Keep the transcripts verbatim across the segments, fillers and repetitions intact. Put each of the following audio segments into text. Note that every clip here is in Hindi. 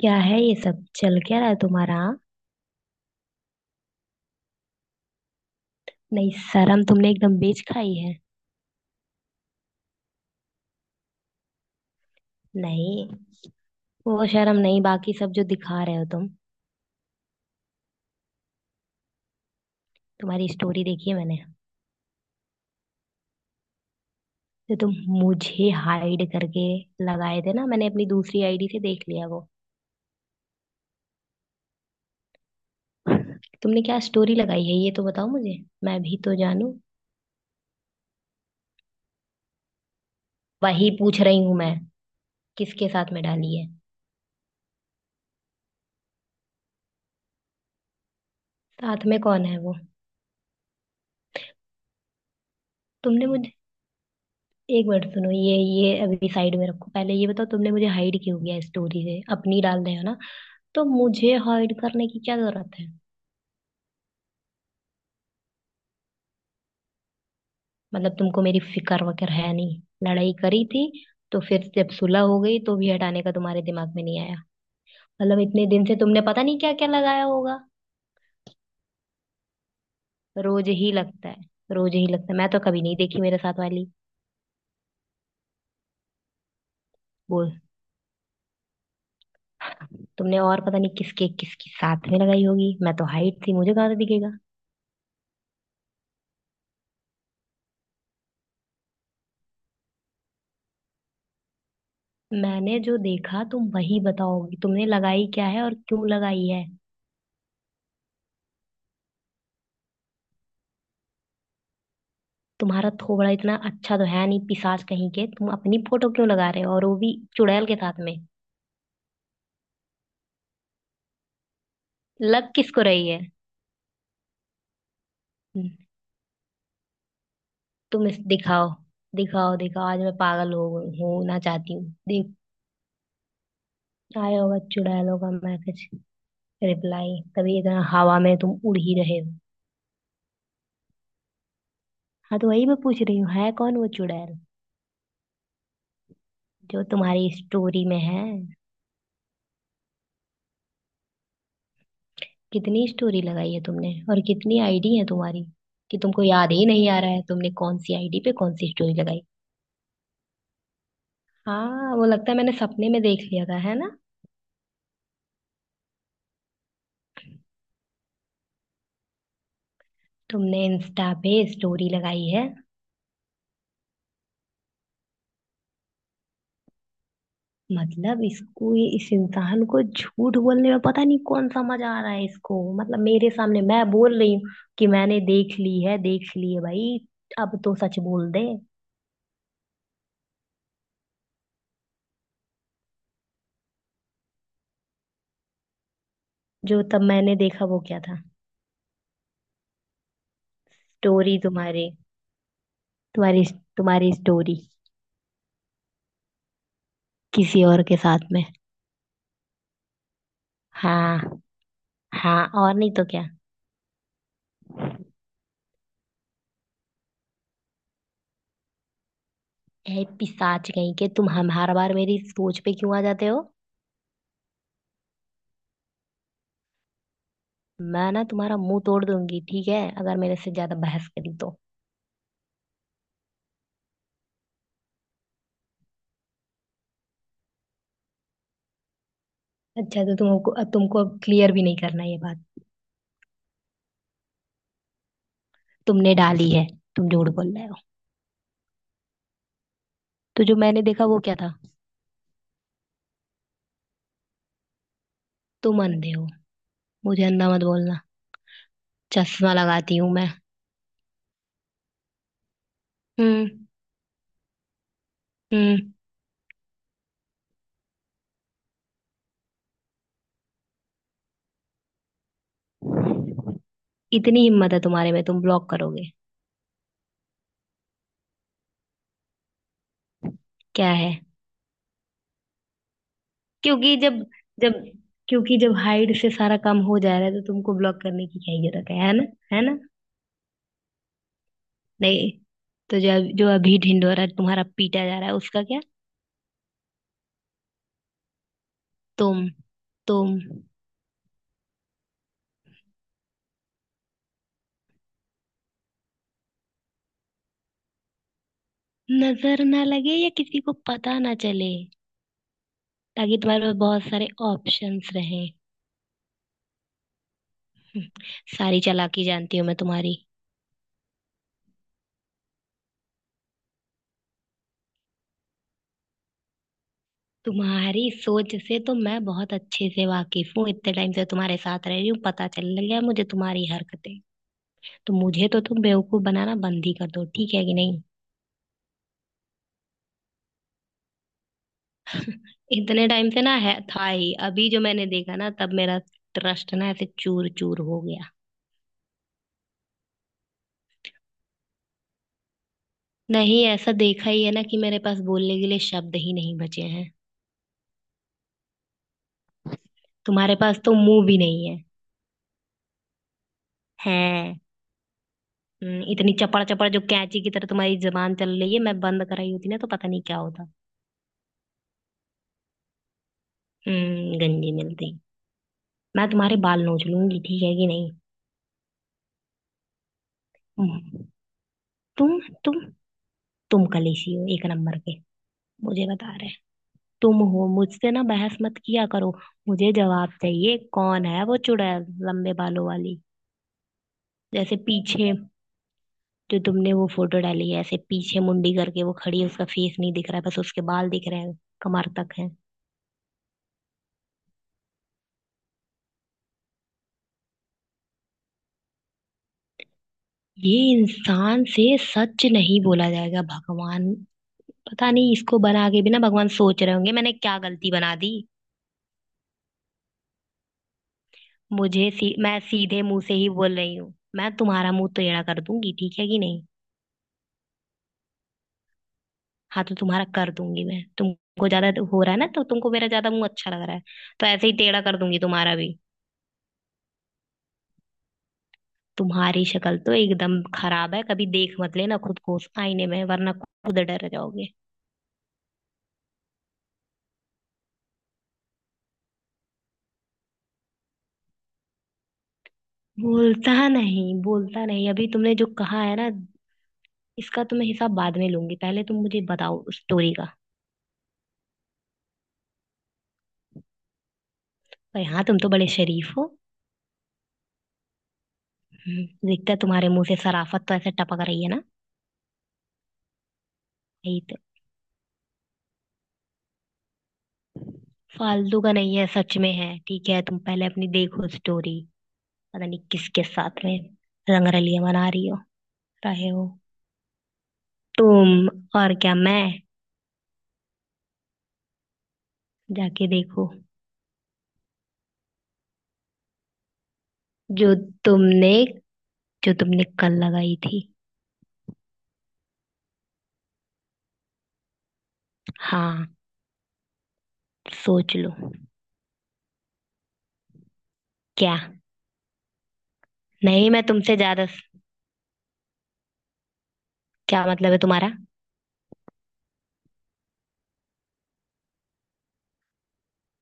क्या है ये सब चल क्या रहा है तुम्हारा हाँ? नहीं। शर्म तुमने एकदम बेच खाई है। नहीं, वो शर्म नहीं, बाकी सब जो दिखा रहे हो तुम। तुम्हारी स्टोरी देखी है मैंने। तो तुम मुझे हाइड करके लगाए थे ना, मैंने अपनी दूसरी आईडी से देख लिया वो। तुमने क्या स्टोरी लगाई है ये तो बताओ मुझे, मैं भी तो जानूं। वही पूछ रही हूं मैं, किसके साथ में डाली है। साथ में कौन है वो? तुमने मुझे एक मिनट सुनो, ये ये अभी साइड में रखो। पहले ये बताओ, तुमने मुझे हाइड क्यों किया? स्टोरी से अपनी डाल रहे हो ना, तो मुझे हाइड करने की क्या जरूरत है? मतलब तुमको मेरी फिक्र वगैरह है नहीं, लड़ाई करी थी तो फिर जब सुलह हो गई तो भी हटाने का तुम्हारे दिमाग में नहीं आया। मतलब इतने दिन से तुमने पता नहीं क्या क्या लगाया होगा। रोज ही लगता है। रोज ही लगता है। मैं तो कभी नहीं देखी मेरे साथ वाली। बोल। तुमने और पता नहीं किसके किसकी साथ में लगाई होगी। मैं तो हाइट थी, मुझे कहाँ से दिखेगा। मैंने जो देखा तुम वही बताओगी, तुमने लगाई क्या है और क्यों लगाई है? तुम्हारा थोबड़ा इतना अच्छा तो है नहीं, पिशाच कहीं के। तुम अपनी फोटो क्यों लगा रहे हो, और वो भी चुड़ैल के साथ में? लग किसको रही है? हम्म। तुम इस दिखाओ दिखाओ दिखाओ। आज मैं पागल हो गई हूँ ना, चाहती हूँ देख। आया होगा चुड़ैलों का मैसेज रिप्लाई, तभी इतना हवा में तुम उड़ ही रहे हो। हाँ तो वही मैं पूछ रही हूँ, है कौन वो चुड़ैल जो तुम्हारी स्टोरी में है? कितनी स्टोरी लगाई है तुमने, और कितनी आईडी है तुम्हारी? कि तुमको याद ही नहीं आ रहा है तुमने कौन सी आईडी पे कौन सी स्टोरी लगाई। हाँ, वो लगता है मैंने सपने में देख लिया था, है ना। तुमने इंस्टा पे स्टोरी लगाई है। मतलब इसको इस इंसान को झूठ बोलने में पता नहीं कौन सा मजा आ रहा है इसको। मतलब मेरे सामने मैं बोल रही हूँ कि मैंने देख ली है, देख ली है भाई। अब तो सच बोल दे। जो तब मैंने देखा वो क्या था? स्टोरी तुम्हारी। तुम्हारी तुम्हारी स्टोरी, किसी और के साथ में। हाँ हाँ। और नहीं तो क्या। ए पिशाच कहीं के, तुम हम हर बार मेरी सोच पे क्यों आ जाते हो? मैं ना तुम्हारा मुंह तोड़ दूंगी, ठीक है, अगर मेरे से ज्यादा बहस करी तो। अच्छा, तो तुमको अब तुमको अब क्लियर भी नहीं करना ये बात? तुमने डाली है, तुम झूठ बोल रहे हो। तो जो मैंने देखा वो क्या था? तुम अंधे हो। मुझे अंधा मत बोलना। चश्मा लगाती हूँ मैं। हम्म। हम्म। इतनी हिम्मत है तुम्हारे में, तुम ब्लॉक करोगे? क्या है? क्योंकि जब जब क्योंकि जब हाइट से सारा काम हो जा रहा है तो तुमको ब्लॉक करने की क्या ही जरूरत है है ना, है ना। नहीं, तो जो जो अभी ढिंढोरा तुम्हारा पीटा जा रहा है उसका क्या? तुम तुम नजर ना लगे या किसी को पता ना चले, ताकि तुम्हारे पास बहुत सारे ऑप्शंस रहे। सारी चालाकी जानती हूँ मैं तुम्हारी। तुम्हारी सोच से तो मैं बहुत अच्छे से वाकिफ हूँ, इतने टाइम से तुम्हारे साथ रह रही हूँ, पता चलने लगा है मुझे तुम्हारी हरकतें। तो मुझे तो तुम बेवकूफ बनाना बंद ही कर दो, ठीक है कि नहीं? इतने टाइम से ना, है था ही, अभी जो मैंने देखा ना तब मेरा ट्रस्ट ना ऐसे चूर चूर हो गया। नहीं, ऐसा देखा ही है ना कि मेरे पास बोलने के लिए शब्द ही नहीं बचे हैं। तुम्हारे पास तो मुंह भी नहीं है। हैं? हम्म, इतनी चपड़ चपड़ जो कैंची की तरह तुम्हारी जबान चल रही है, मैं बंद कराई होती ना तो पता नहीं क्या होता। हम्म गंजी मिलती। मैं तुम्हारे बाल नोच लूंगी, ठीक है कि नहीं? हम्म, तुम तुम तुम कलेशी हो एक नंबर के। मुझे बता रहे हैं। तुम हो। मुझसे ना बहस मत किया करो। मुझे जवाब चाहिए, कौन है वो चुड़ैल लंबे बालों वाली? जैसे पीछे, जो तुमने वो फोटो डाली है ऐसे पीछे मुंडी करके वो खड़ी है, उसका फेस नहीं दिख रहा है, बस उसके बाल दिख रहे हैं, कमर तक है। ये इंसान से सच नहीं बोला जाएगा, भगवान। पता नहीं, इसको बना के भी ना भगवान सोच रहे होंगे मैंने क्या गलती बना दी। मुझे सी, मैं सीधे मुंह से ही बोल रही हूँ। मैं तुम्हारा मुंह टेढ़ा कर दूंगी, ठीक है कि नहीं? हाँ तो तुम्हारा कर दूंगी मैं, तुमको ज्यादा हो रहा है ना, तो तुमको मेरा ज्यादा मुंह अच्छा लग रहा है। तो ऐसे ही टेढ़ा कर दूंगी तुम्हारा भी। तुम्हारी शक्ल तो एकदम खराब है, कभी देख मत लेना खुद को उस आईने में वरना खुद डर जाओगे। बोलता नहीं, बोलता नहीं, अभी तुमने जो कहा है ना इसका तो मैं हिसाब बाद में लूंगी, पहले तुम मुझे बताओ उस स्टोरी का। पर हाँ, तुम तो बड़े शरीफ हो। हम्म, दिखता है, तुम्हारे मुंह से शराफत तो ऐसे टपक रही है ना। यही तो, फालतू का नहीं है, सच में है। ठीक है, तुम पहले अपनी देखो स्टोरी। पता नहीं किसके साथ में रंगरलियां मना रही हो रहे हो तुम। और क्या, मैं? जाके देखो। जो तुमने जो तुमने कल लगाई थी। हाँ, सोच लो। क्या? नहीं, मैं तुमसे ज्यादा, क्या मतलब है तुम्हारा?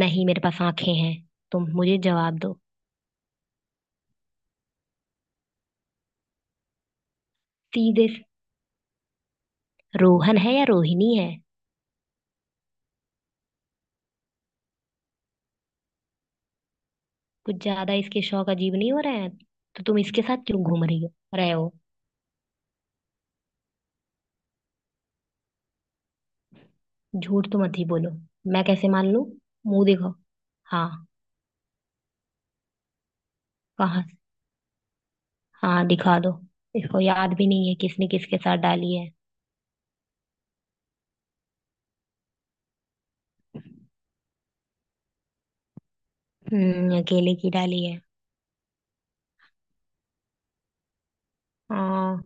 नहीं, मेरे पास आंखें हैं। तुम मुझे जवाब दो। सीधे से- रोहन है या रोहिणी है? कुछ ज्यादा इसके शौक अजीब नहीं हो रहे हैं? तो तुम इसके साथ क्यों घूम रही हो रहे हो? झूठ तो मत ही बोलो। मैं कैसे मान लूं? मुंह दिखाओ। हाँ। कहाँ से- हाँ, दिखा दो। इसको याद भी नहीं है किसने किसके साथ डाली है। हम्म अकेले की डाली है। हाँ।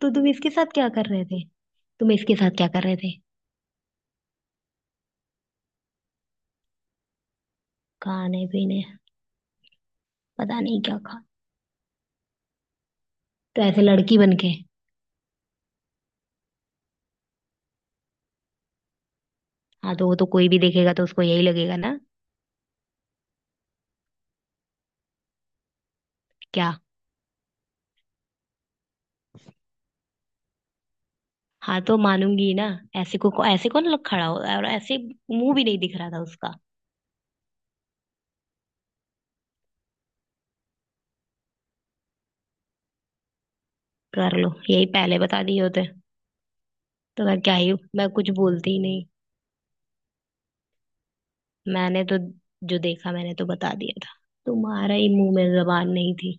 तो तुम इसके साथ क्या कर रहे थे? तुम इसके साथ क्या कर रहे थे, खाने पीने? पता नहीं क्या खा, तो ऐसे लड़की बन के। हाँ तो वो तो कोई भी देखेगा तो उसको यही लगेगा ना। क्या? हाँ तो मानूंगी ना। ऐसे को को- ऐसे कौन लोग खड़ा हो, और ऐसे मुंह भी नहीं दिख रहा था उसका। कर लो। यही पहले बता दिए होते। तो मैं क्या ही, मैं कुछ बोलती ही नहीं। मैंने तो, जो देखा मैंने तो बता दिया था। तुम्हारा ही मुंह में जबान नहीं थी।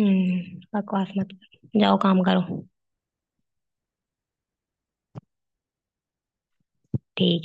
हम्म बकवास मत करो। जाओ, काम करो। ठीक है।